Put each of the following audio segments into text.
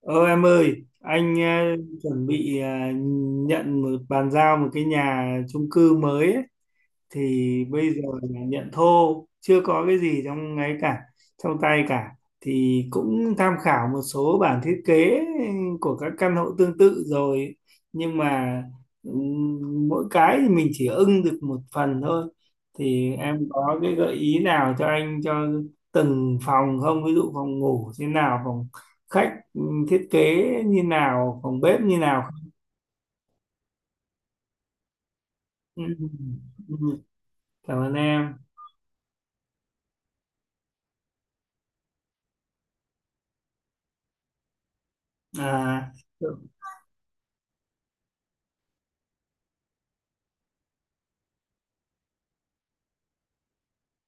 Ờ em ơi, anh chuẩn bị, nhận bàn giao một cái nhà chung cư mới ấy, thì bây giờ là nhận thô, chưa có cái gì trong ấy cả, trong tay cả. Thì cũng tham khảo một số bản thiết kế của các căn hộ tương tự rồi nhưng mà mỗi cái thì mình chỉ ưng được một phần thôi. Thì em có cái gợi ý nào cho anh cho từng phòng không? Ví dụ phòng ngủ thế nào, phòng khách thiết kế như nào, phòng bếp như nào không? Ừm, ừm, cảm ơn em. À,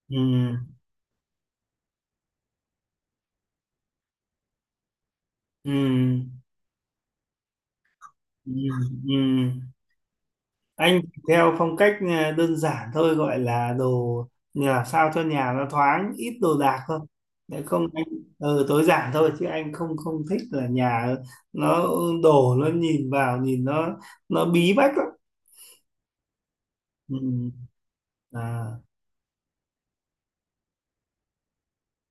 ừ. Ừ, ừ, ừ. Anh theo phong cách đơn giản thôi, gọi là đồ nhà làm sao cho nhà nó thoáng, ít đồ đạc thôi, để không anh. Ừ, tối giản thôi, chứ anh không không thích là nhà nó đổ, nó nhìn vào nhìn nó bí bách lắm. Ừ. À,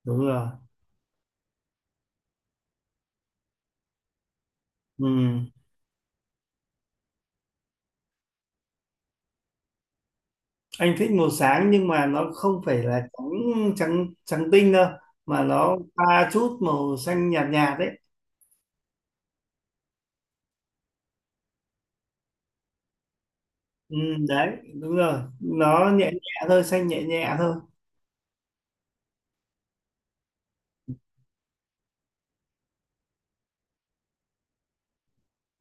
đúng rồi. Ừ. Anh thích màu sáng nhưng mà nó không phải là trắng trắng trắng tinh đâu, mà nó pha chút màu xanh nhạt nhạt đấy. Ừ, đấy đúng rồi, nó nhẹ nhẹ thôi, xanh nhẹ nhẹ thôi.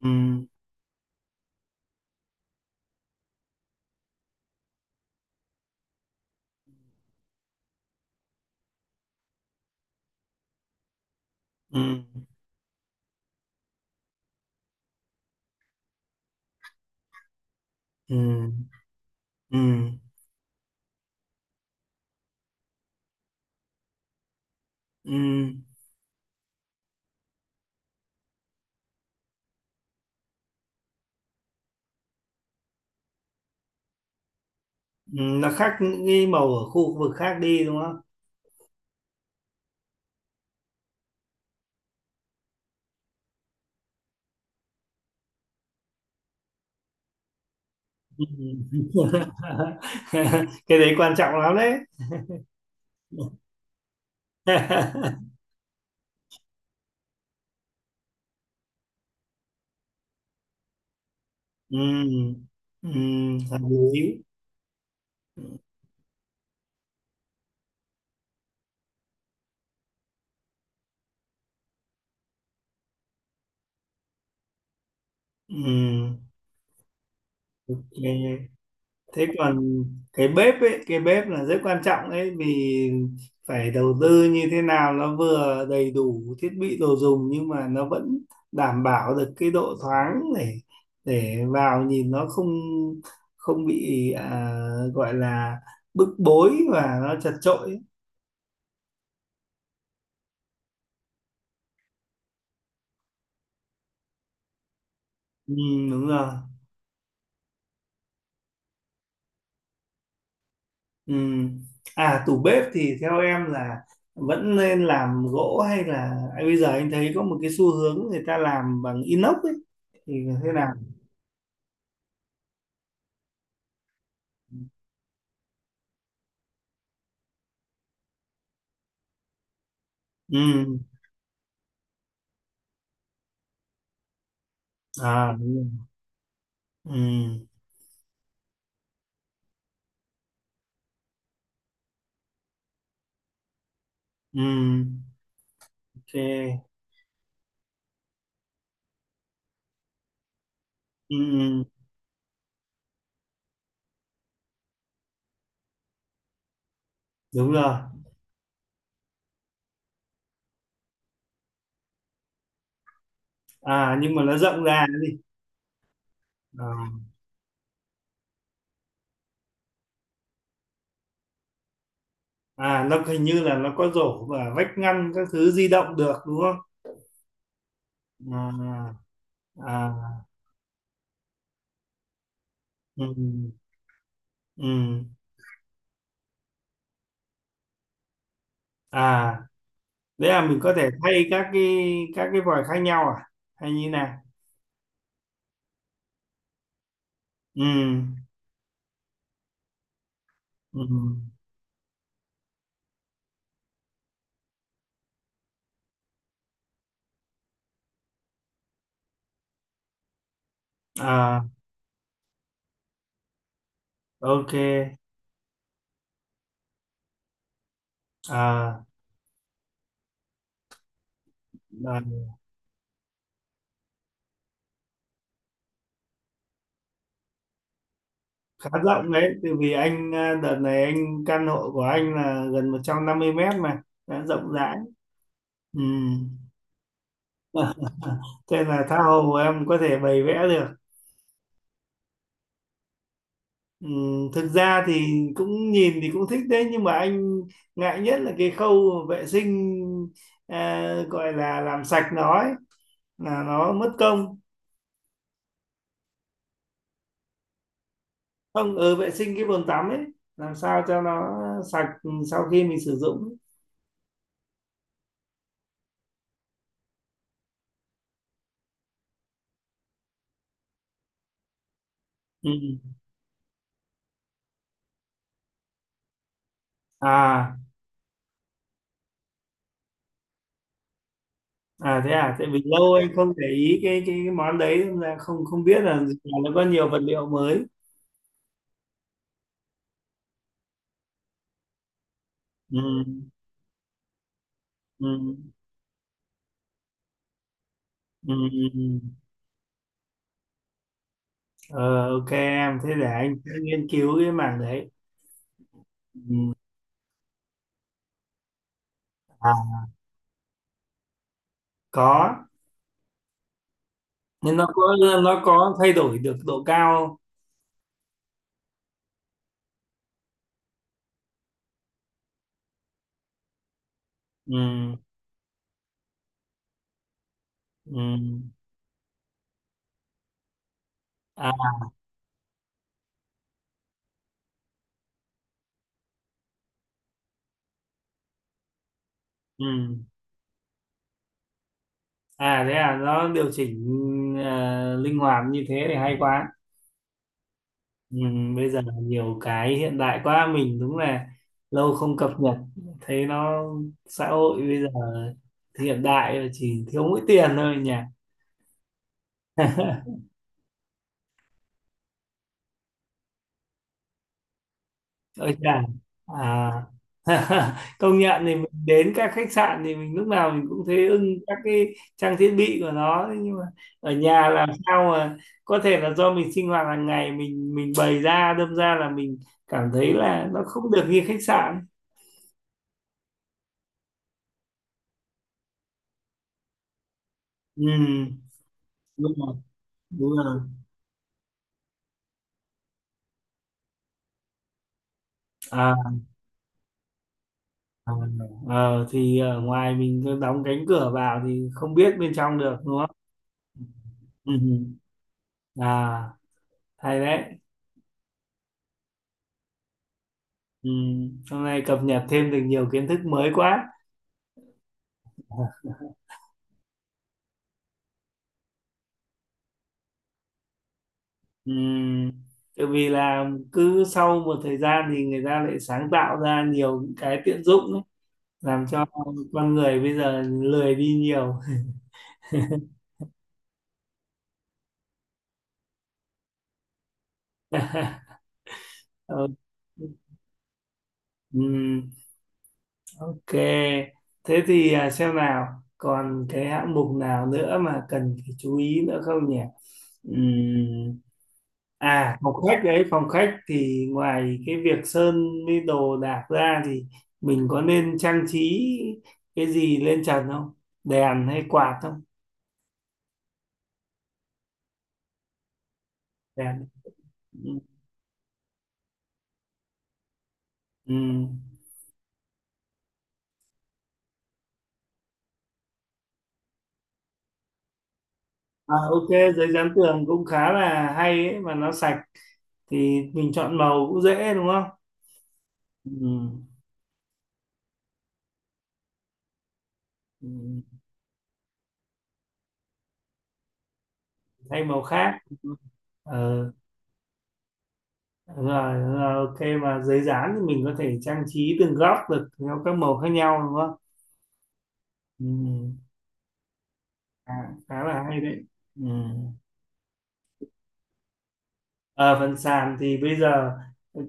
Ừ, ừ, ừ, ừ, ừ. Ừ, nó khác những cái màu ở khu vực khác đi đúng không? Ừ. Cái đấy quan trọng lắm đấy. Ừ, ừ, hợp lý. Ừ, ok. Thế còn cái bếp ấy, cái bếp là rất quan trọng đấy. Vì phải đầu tư như thế nào nó vừa đầy đủ thiết bị đồ dùng nhưng mà nó vẫn đảm bảo được cái độ thoáng, để vào nhìn nó không không bị, gọi là bức bối và nó chật chội ấy. Ừ, đúng rồi. Ừ. À, tủ bếp thì theo em là vẫn nên làm gỗ hay là à, bây giờ anh thấy có một cái xu hướng người ta làm bằng inox ấy thì thế nào? Ừ, à đúng rồi. Ừ, ừ, ok. Ừ, ừ, đúng rồi. À nhưng mà nó rộng ra nó đi. À, à nó hình như là nó có rổ và vách ngăn các thứ di động được đúng không? À, à, ừ, ừ. À, đấy là mình có thể thay các cái vòi khác nhau à? Hay như nào? Ừ, ừ, à, ok. À, à khá rộng đấy, tại vì anh à, đợt này anh căn hộ của anh là gần 150 mét mà, đã rộng rãi. Ừ. Thế là tha hồ em có thể bày vẽ được. Ừ. Thực ra thì cũng nhìn thì cũng thích đấy, nhưng mà anh ngại nhất là cái khâu vệ sinh, à, gọi là làm sạch nó ấy, là nó mất công. Không, ở vệ sinh cái bồn tắm ấy, làm sao cho nó sạch sau khi mình sử dụng ấy. Ừ. À. À thế à, tại vì lâu anh không để ý cái cái món đấy nên là không không biết là nó có nhiều vật liệu mới. Ừ, ừ, ừ, ừ. Ừ. Ờ, ok em, thế để anh sẽ nghiên cứu cái mảng đấy. À, có, nhưng nó có thay đổi được độ cao không? Ừ, ừ, à, ừ. À thế à, nó điều chỉnh linh hoạt như thế thì hay quá. Ừ, bây giờ nhiều cái hiện đại quá, mình đúng là lâu không cập nhật, thấy nó xã hội bây giờ hiện đại rồi, chỉ thiếu mỗi tiền thôi nhỉ. Ôi chà. À. Công nhận thì mình đến các khách sạn thì mình lúc nào mình cũng thấy ưng các cái trang thiết bị của nó. Thế nhưng mà ở nhà làm sao mà, có thể là do mình sinh hoạt hàng ngày mình bày ra, đâm ra là mình cảm thấy là nó không được như khách sạn. Ừ, đúng rồi, đúng rồi. À. Ờ, ờ, thì ở ngoài mình cứ đóng cánh cửa vào thì không biết bên trong được đúng không? Ừ. À, hay đấy. Ừ. Hôm nay cập nhật thêm được nhiều kiến thức mới quá. Ừ. Tại vì là cứ sau một thời gian thì người ta lại sáng tạo ra nhiều những cái tiện dụng ấy, làm cho con người bây giờ lười đi nhiều. Ờ. Ừ. Ok, thế thì à, xem nào, còn cái hạng mục nào nữa mà cần phải chú ý nữa không nhỉ? Ừm, à, phòng khách đấy, phòng khách thì ngoài cái việc sơn với đồ đạc ra thì mình có nên trang trí cái gì lên trần không? Đèn hay quạt không? Đèn. Ừm, ừm. À, ok, giấy dán tường cũng khá là hay ấy, mà nó sạch thì mình chọn màu cũng dễ đúng không? Ừm, ừm. Thay màu khác. Ờ, rồi, rồi ok, mà giấy dán thì mình có thể trang trí từng góc được theo các màu khác nhau đúng không? Ừ. À, khá là hay đấy. Ừ. Ở phần sàn thì bây giờ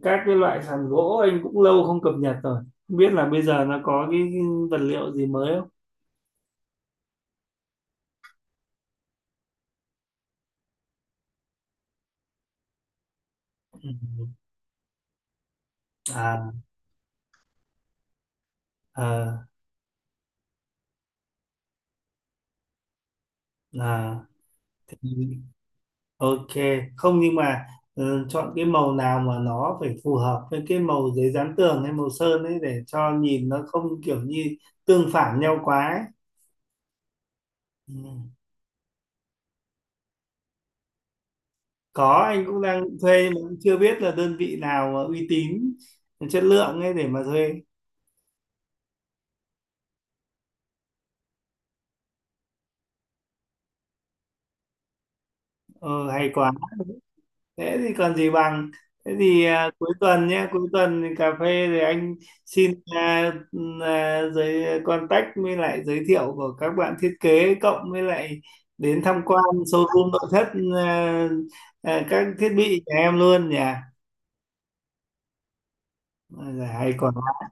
các cái loại sàn gỗ anh cũng lâu không cập nhật rồi, không biết là bây giờ nó có cái vật liệu gì mới không. Ừ. À, à, à. Thì ok, không nhưng mà, ừ, chọn cái màu nào mà nó phải phù hợp với cái màu giấy dán tường hay màu sơn ấy, để cho nhìn nó không kiểu như tương phản nhau quá ấy. Ừ. Có, anh cũng đang thuê mà cũng chưa biết là đơn vị nào mà uy tín chất lượng ấy để mà thuê. Ờ, hay quá. Thế thì còn gì bằng. Thế thì à, cuối tuần nhé, cuối tuần thì cà phê rồi anh xin giới contact với lại giới thiệu của các bạn thiết kế, cộng với lại đến tham quan showroom nội thất, à, à, các thiết bị nhà em luôn nhỉ. Ôi giời, hay còn lắm.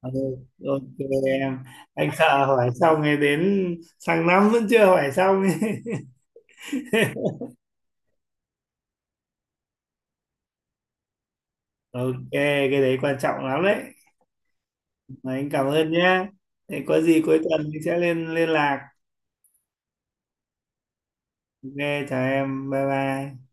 Ừ, ok em. Anh sợ hỏi xong rồi đến sang năm vẫn chưa hỏi xong. Ok, cái đấy quan trọng lắm đấy. Mà anh cảm ơn nhé. Thế có gì cuối tuần mình sẽ lên liên lạc. Ok, chào em, bye bye.